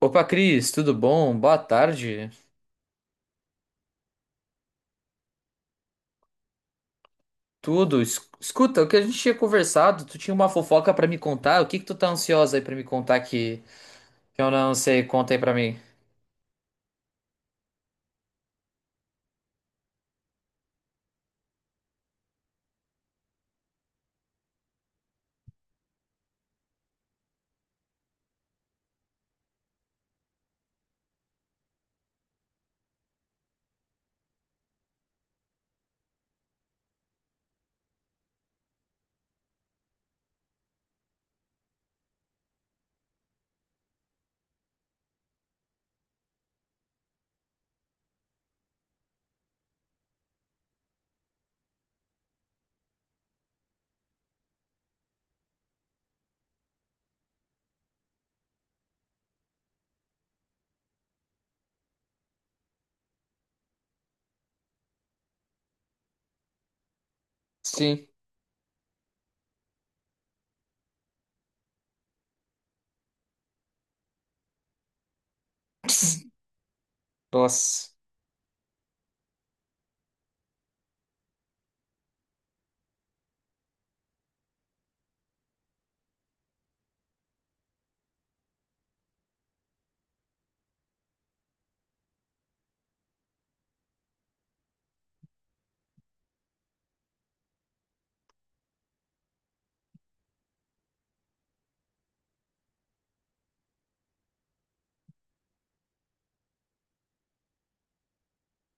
Opa, Cris, tudo bom? Boa tarde. Tudo. Escuta, o que a gente tinha conversado, tu tinha uma fofoca pra me contar? O que que tu tá ansiosa aí pra me contar que eu não sei? Conta aí pra mim. Sim. Pss. Nossa.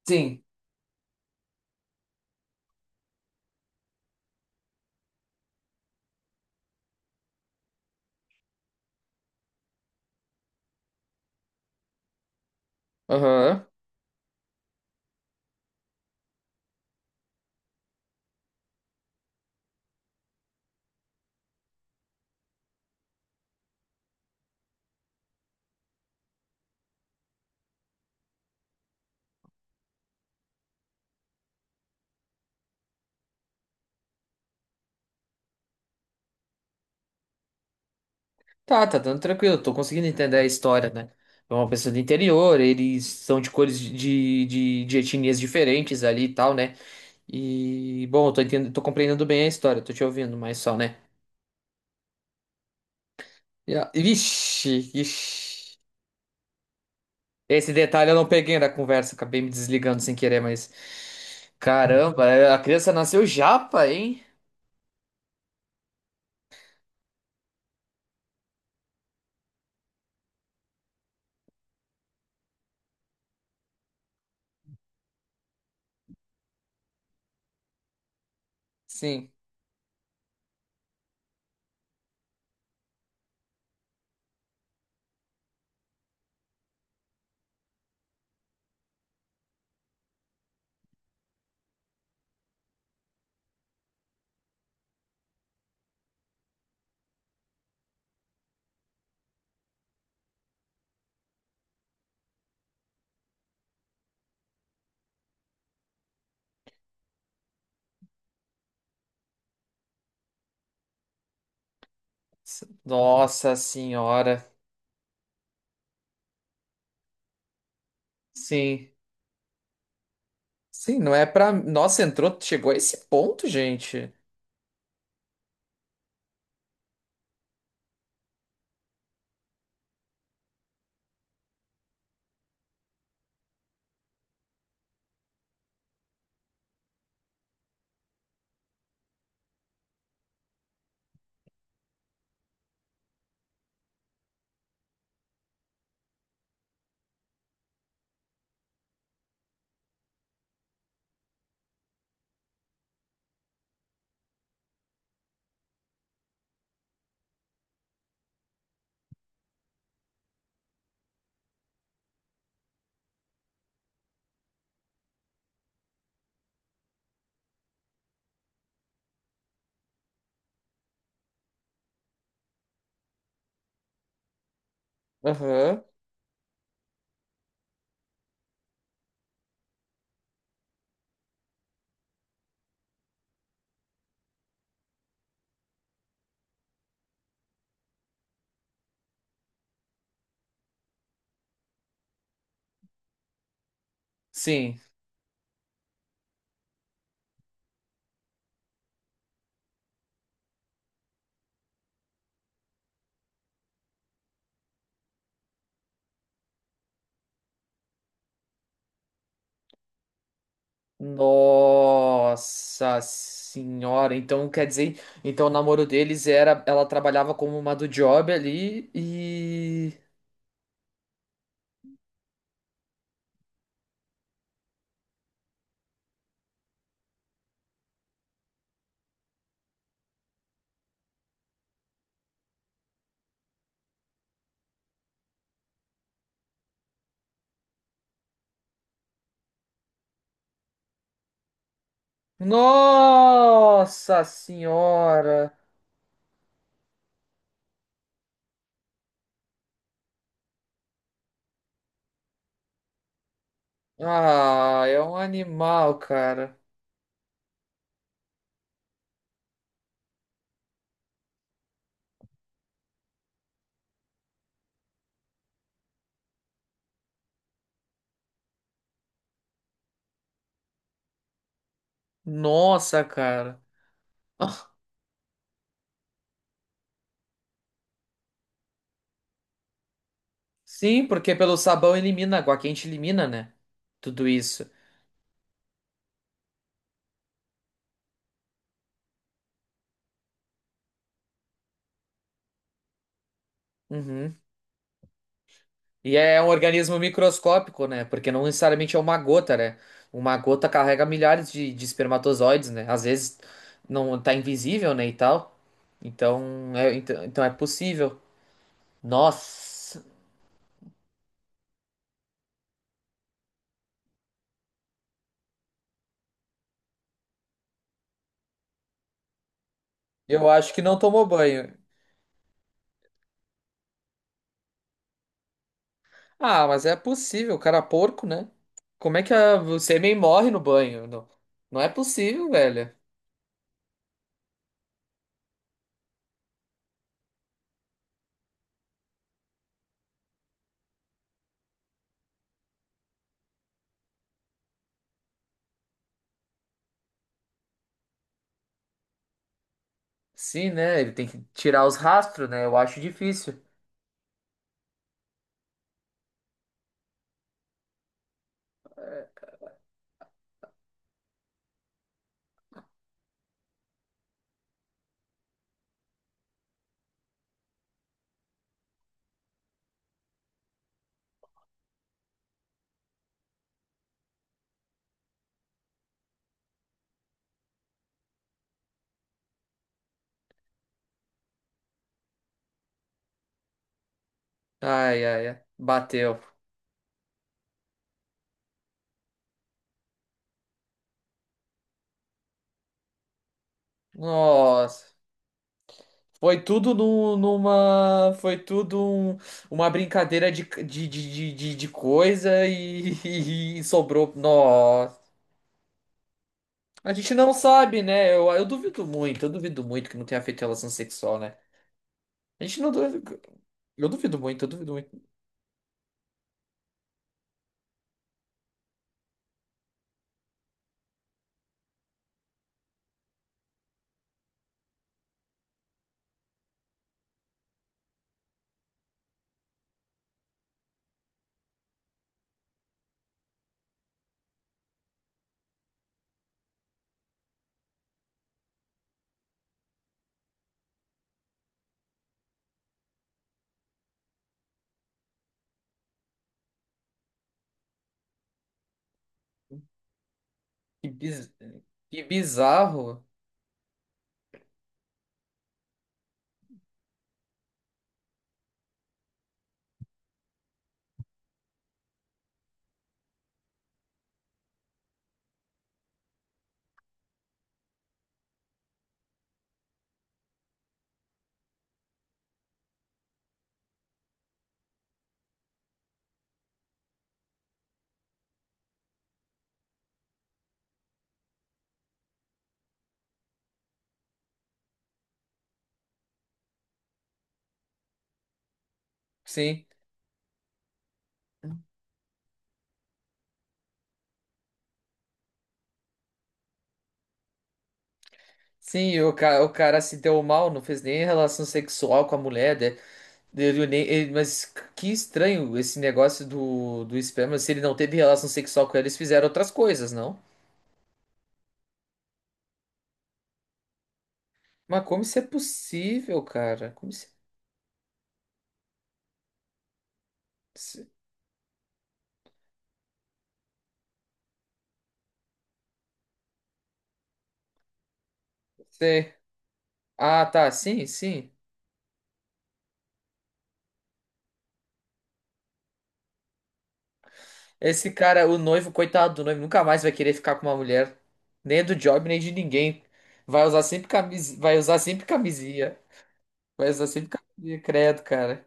Sim. Aham. Tá, tá dando tranquilo. Tô conseguindo entender a história, né? É uma pessoa do interior, eles são de cores de etnias diferentes ali e tal, né? E, bom, eu tô entendendo, tô compreendendo bem a história, tô te ouvindo, mas só, né? Vixe, vixe. Esse detalhe eu não peguei da conversa, acabei me desligando sem querer, mas. Caramba, é, a criança nasceu japa, hein? Sim. Nossa senhora. Sim. Sim, não é pra. Nossa, entrou, chegou a esse ponto, gente. Aham. Sim. Nossa senhora. Então quer dizer, então o namoro deles era. Ela trabalhava como uma do job ali e. Nossa senhora. Ah, é um animal, cara. Nossa, cara. Sim, porque pelo sabão elimina, água quente elimina, né? Tudo isso. Uhum. E é um organismo microscópico, né? Porque não necessariamente é uma gota, né? Uma gota carrega milhares de espermatozoides, né? Às vezes não tá invisível, né? E tal. Então é possível. Nossa, eu acho que não tomou banho. Ah, mas é possível, o cara é porco, né? Como é que a... o sêmen morre no banho? Não, não é possível, velho. Sim, né? Ele tem que tirar os rastros, né? Eu acho difícil. Ai, ai, ai. Bateu. Nossa. Foi tudo num- numa. Uma brincadeira de coisa e, e sobrou. Nossa. A gente não sabe, né? Eu duvido muito, eu duvido muito que não tenha feito relação sexual, né? A gente não. duvida. Eu duvido muito, eu duvido muito. Que, biz... que bizarro. Sim. Sim, o cara se deu mal, não fez nem relação sexual com a mulher, né? Ele nem, ele- mas que estranho esse negócio do esperma. Se ele não teve relação sexual com ela, eles fizeram outras coisas, não? Mas como isso é possível, cara? Como isso se- se- Ah, tá, sim, sim. Esse cara, o noivo, coitado do noivo, nunca mais vai querer ficar com uma mulher. Nem do job, nem de ninguém. Vai usar sempre camisinha. Mas assim fica credo, cara.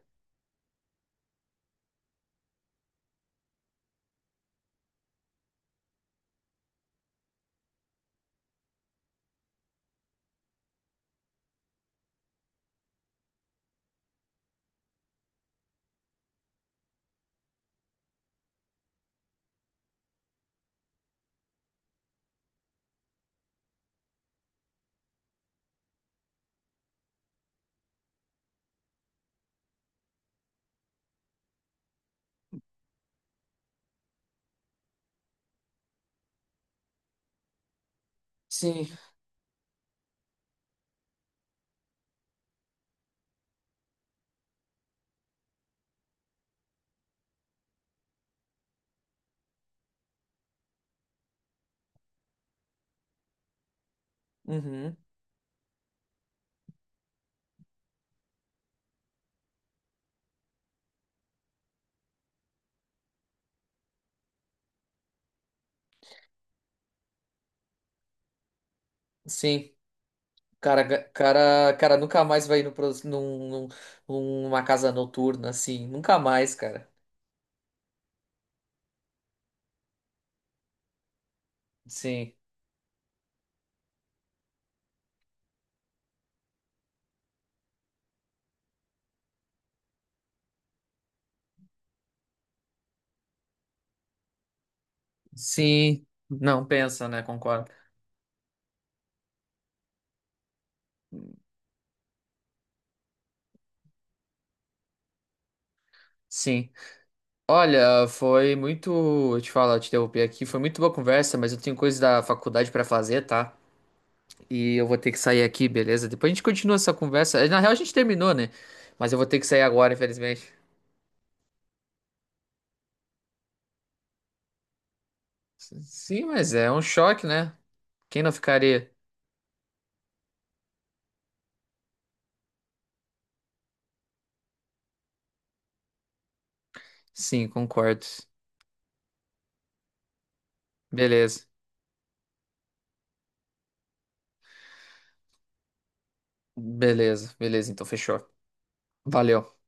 Sim. Uhum. Sim. Cara, nunca mais vai ir no, pro- num, num- numa casa noturna, assim. Nunca mais, cara. Sim. Sim. Não pensa, né? Concordo. Sim. Olha, foi muito. Eu te falo, eu te interrompi aqui. Foi muito boa conversa, mas eu tenho coisa da faculdade pra fazer, tá? E eu vou ter que sair aqui, beleza? Depois a gente continua essa conversa. Na real, a gente terminou, né? Mas eu vou ter que sair agora, infelizmente. Sim, mas é um choque, né? Quem não ficaria? Sim, concordo. Beleza, beleza. Então fechou. Valeu.